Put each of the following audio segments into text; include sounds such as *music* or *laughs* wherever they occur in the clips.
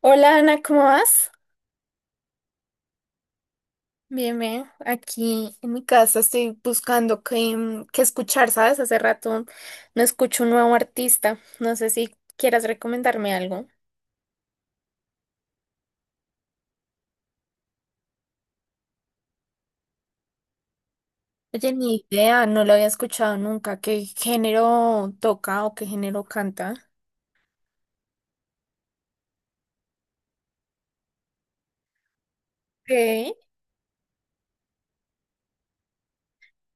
Hola Ana, ¿cómo vas? Bien, bien. Aquí en mi casa estoy buscando qué, qué escuchar, ¿sabes? Hace rato no escucho un nuevo artista. No sé si quieras recomendarme algo. Oye, ni idea, no lo había escuchado nunca. ¿Qué género toca o qué género canta? Ok.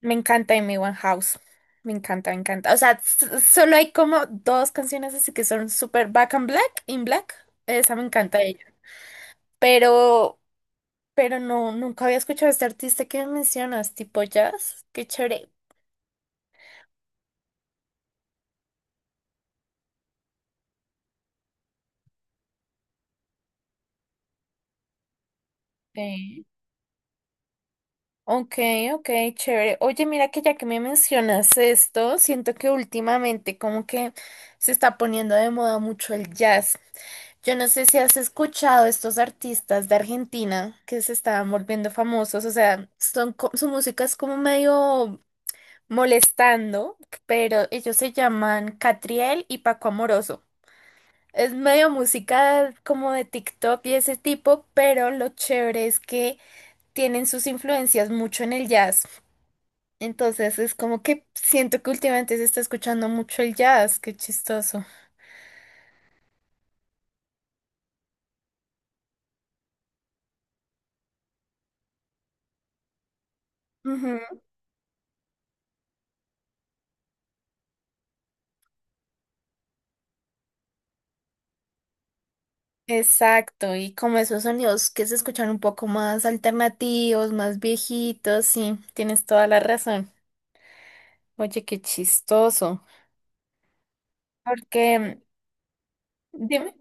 Me encanta Amy House. Me encanta, me encanta. O sea, solo hay como dos canciones así que son súper Back and Black, In Black. Esa me encanta de ella. Pero pero no, nunca había escuchado a este artista que mencionas, tipo jazz. Qué chévere. Sí. Ok, ok, chévere. Oye, mira que ya que me mencionas esto, siento que últimamente como que se está poniendo de moda mucho el jazz. Yo no sé si has escuchado estos artistas de Argentina que se estaban volviendo famosos, o sea, son, su música es como medio molestando, pero ellos se llaman Catriel y Paco Amoroso. Es medio música como de TikTok y ese tipo, pero lo chévere es que tienen sus influencias mucho en el jazz. Entonces es como que siento que últimamente se está escuchando mucho el jazz, qué chistoso. Ujú. Exacto, y como esos sonidos que se escuchan un poco más alternativos, más viejitos, sí, tienes toda la razón. Oye, qué chistoso. Porque, dime.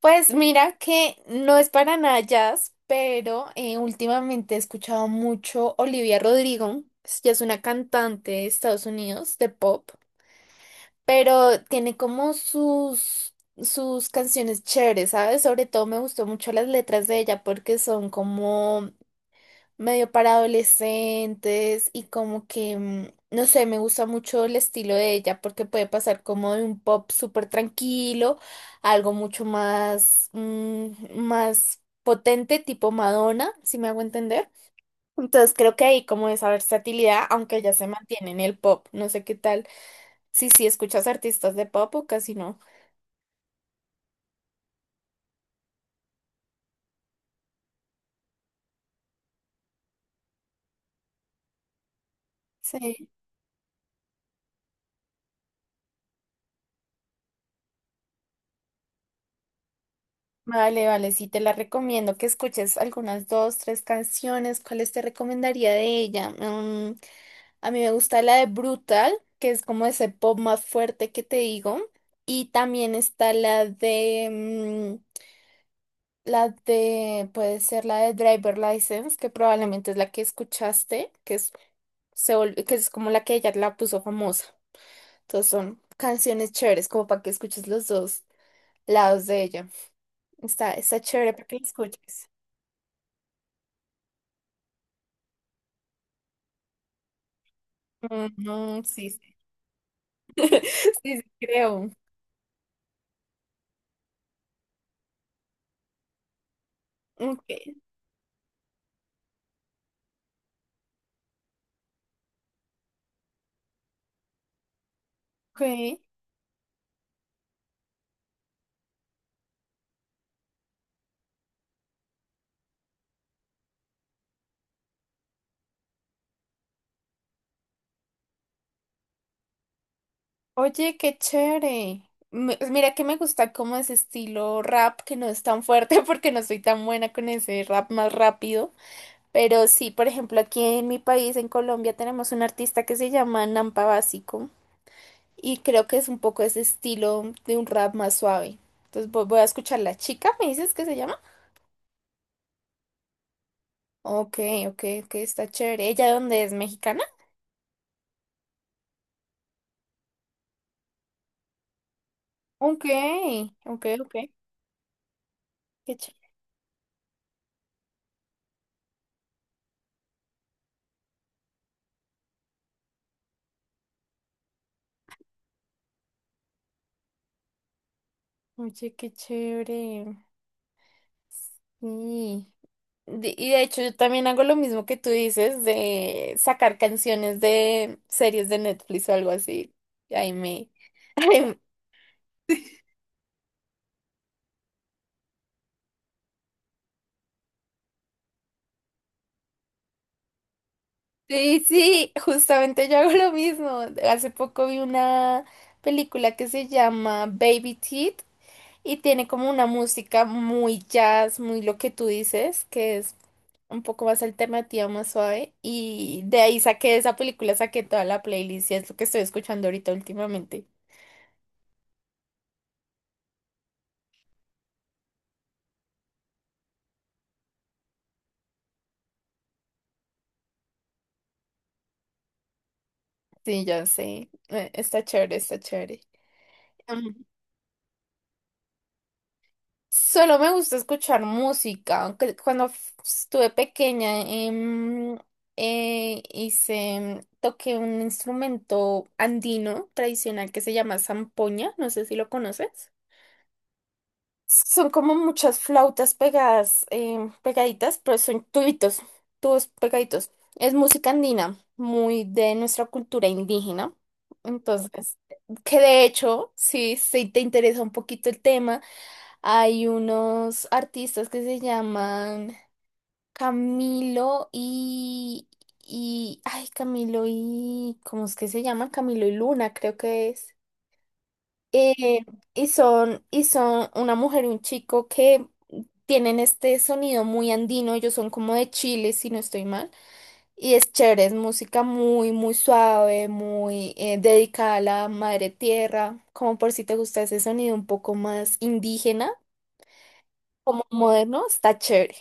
Pues mira que no es para nada jazz, pero últimamente he escuchado mucho Olivia Rodrigo. Ella es una cantante de Estados Unidos de pop, pero tiene como sus canciones chéveres, ¿sabes? Sobre todo me gustó mucho las letras de ella porque son como medio para adolescentes y como que, no sé, me gusta mucho el estilo de ella porque puede pasar como de un pop súper tranquilo a algo mucho más, más potente, tipo Madonna, si me hago entender. Entonces creo que ahí como esa versatilidad, aunque ella se mantiene en el pop, no sé qué tal. Sí, sí, escuchas artistas de pop o casi no. Sí. Vale, vale, sí, te la recomiendo que escuches algunas dos, tres canciones. ¿Cuáles te recomendaría de ella? A mí me gusta la de Brutal, que es como ese pop más fuerte que te digo. Y también está la de, puede ser la de Driver License, que probablemente es la que escuchaste, que es, que es como la que ella la puso famosa. Entonces son canciones chéveres, como para que escuches los dos lados de ella. Está chévere para que la escuches. Ujú, sí, sí, sí, sí, creo. Ok, ok. Oye, qué chévere. Me- pues mira que me gusta como ese estilo rap que no es tan fuerte *laughs* porque no soy tan buena con ese rap más rápido. Pero sí, por ejemplo, aquí en mi país, en Colombia, tenemos un artista que se llama Nampa Básico y creo que es un poco ese estilo de un rap más suave. Entonces voy a escuchar La Chica, ¿me dices que se llama? Ok, ok, ok, está chévere. ¿Ella de dónde es? ¿Mexicana? Ok, ok, ok. Qué Oye, qué chévere. Sí. De- y de hecho, yo también hago lo mismo que tú dices de sacar canciones de series de Netflix o algo así. Y ahí me. *laughs* ahí- Sí, sí, justamente yo hago lo mismo. Hace poco vi una película que se llama Baby Teeth. Y tiene como una música muy jazz, muy lo que tú dices, que es un poco más alternativa, más suave. Y de ahí saqué esa película, saqué toda la playlist y es lo que estoy escuchando ahorita últimamente. Sí, ya sé. Está chévere, está chévere. Ujú. Solo me gusta escuchar música. Aunque cuando estuve pequeña, hice, toqué un instrumento andino tradicional que se llama zampoña. No sé si lo conoces. Son como muchas flautas pegadas, pegaditas, pero son tubitos, tubos pegaditos. Es música andina, muy de nuestra cultura indígena. Entonces, que de hecho, si te interesa un poquito el tema, hay unos artistas que se llaman Camilo ay, Camilo y, ¿cómo es que se llaman? Camilo y Luna, creo que es. Eh, y son una mujer y un chico que tienen este sonido muy andino, ellos son como de Chile, si no estoy mal, y es chévere, es música muy, muy suave, muy dedicada a la madre tierra, como por si te gusta ese sonido un poco más indígena, como moderno, está chévere.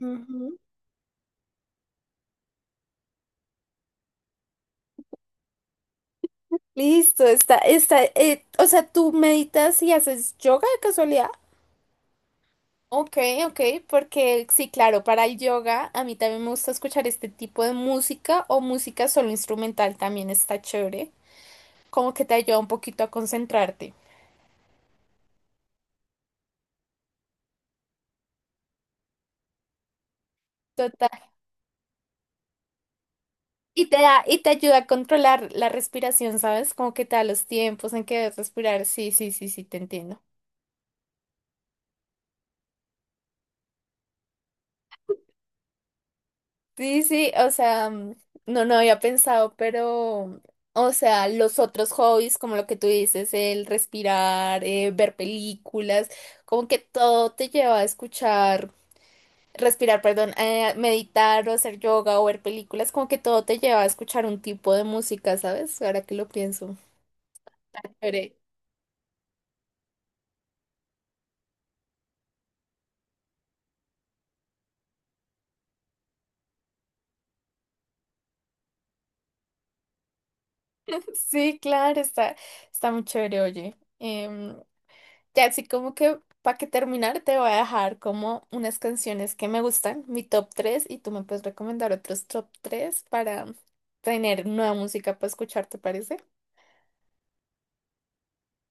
Ujú. Listo, está, o sea, ¿tú meditas y haces yoga de casualidad? Ok, ok, porque sí, claro, para el yoga a mí también me gusta escuchar este tipo de música o música solo instrumental también está chévere, como que te ayuda un poquito a concentrarte. Total. Y te da, y te ayuda a controlar la respiración, ¿sabes? Como que te da los tiempos en que debes respirar. Sí, sí, sí, sí, te entiendo. Sí, sí, o sea, no, no había pensado, pero, o sea, los otros hobbies, como lo que tú dices, el respirar, ver películas, como que todo te lleva a escuchar, respirar, perdón, a meditar o hacer yoga o ver películas, como que todo te lleva a escuchar un tipo de música, ¿sabes? Ahora que lo pienso. Chévere. *laughs* Sí, claro, está muy chévere, oye. Em, ya así como que para que terminar te voy a dejar como unas canciones que me gustan, mi top 3 y tú me puedes recomendar otros top 3 para tener nueva música para escuchar, ¿te parece?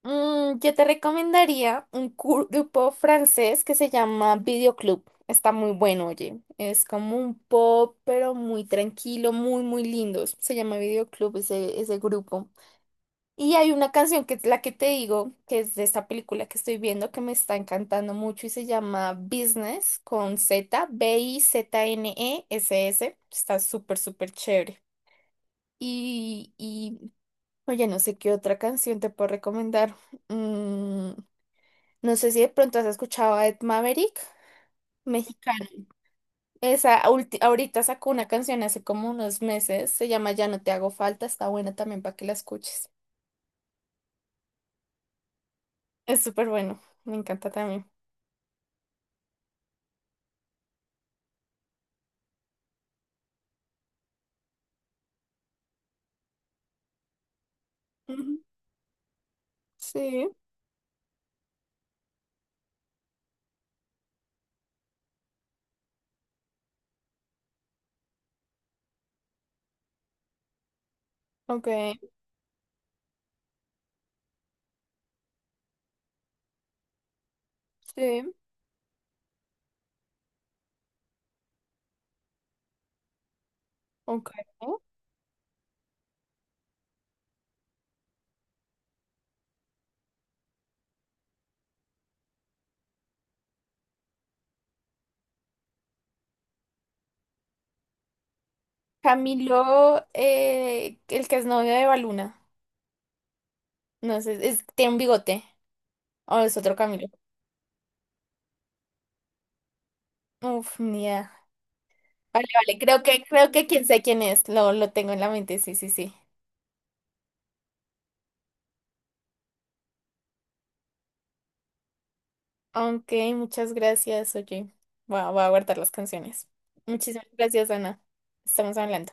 Mm, yo te recomendaría un grupo francés que se llama Videoclub. Está muy bueno, oye. Es como un pop, pero muy tranquilo, muy, muy lindo. Se llama Videoclub ese grupo. Y hay una canción que es la que te digo, que es de esta película que estoy viendo, que me está encantando mucho y se llama Business con Z, Bizness. Está súper, súper chévere. Y, y, oye, no sé qué otra canción te puedo recomendar. Mm, no sé si de pronto has escuchado a Ed Maverick, mexicano. Esa, ahorita sacó una canción hace como unos meses, se llama Ya no te hago falta, está buena también para que la escuches. Es súper bueno, me encanta también. Sí, ok, sí, ok. Camilo, el que es novio de Baluna. No sé, es, tiene un bigote. O es otro Camilo. Uf, ni idea. Vale, vale, creo creo que quien sé quién es. Lo tengo en la mente, sí, sí, sí. Ok, muchas gracias, oye. Voy a guardar las canciones. Muchísimas gracias, Ana. Estamos hablando.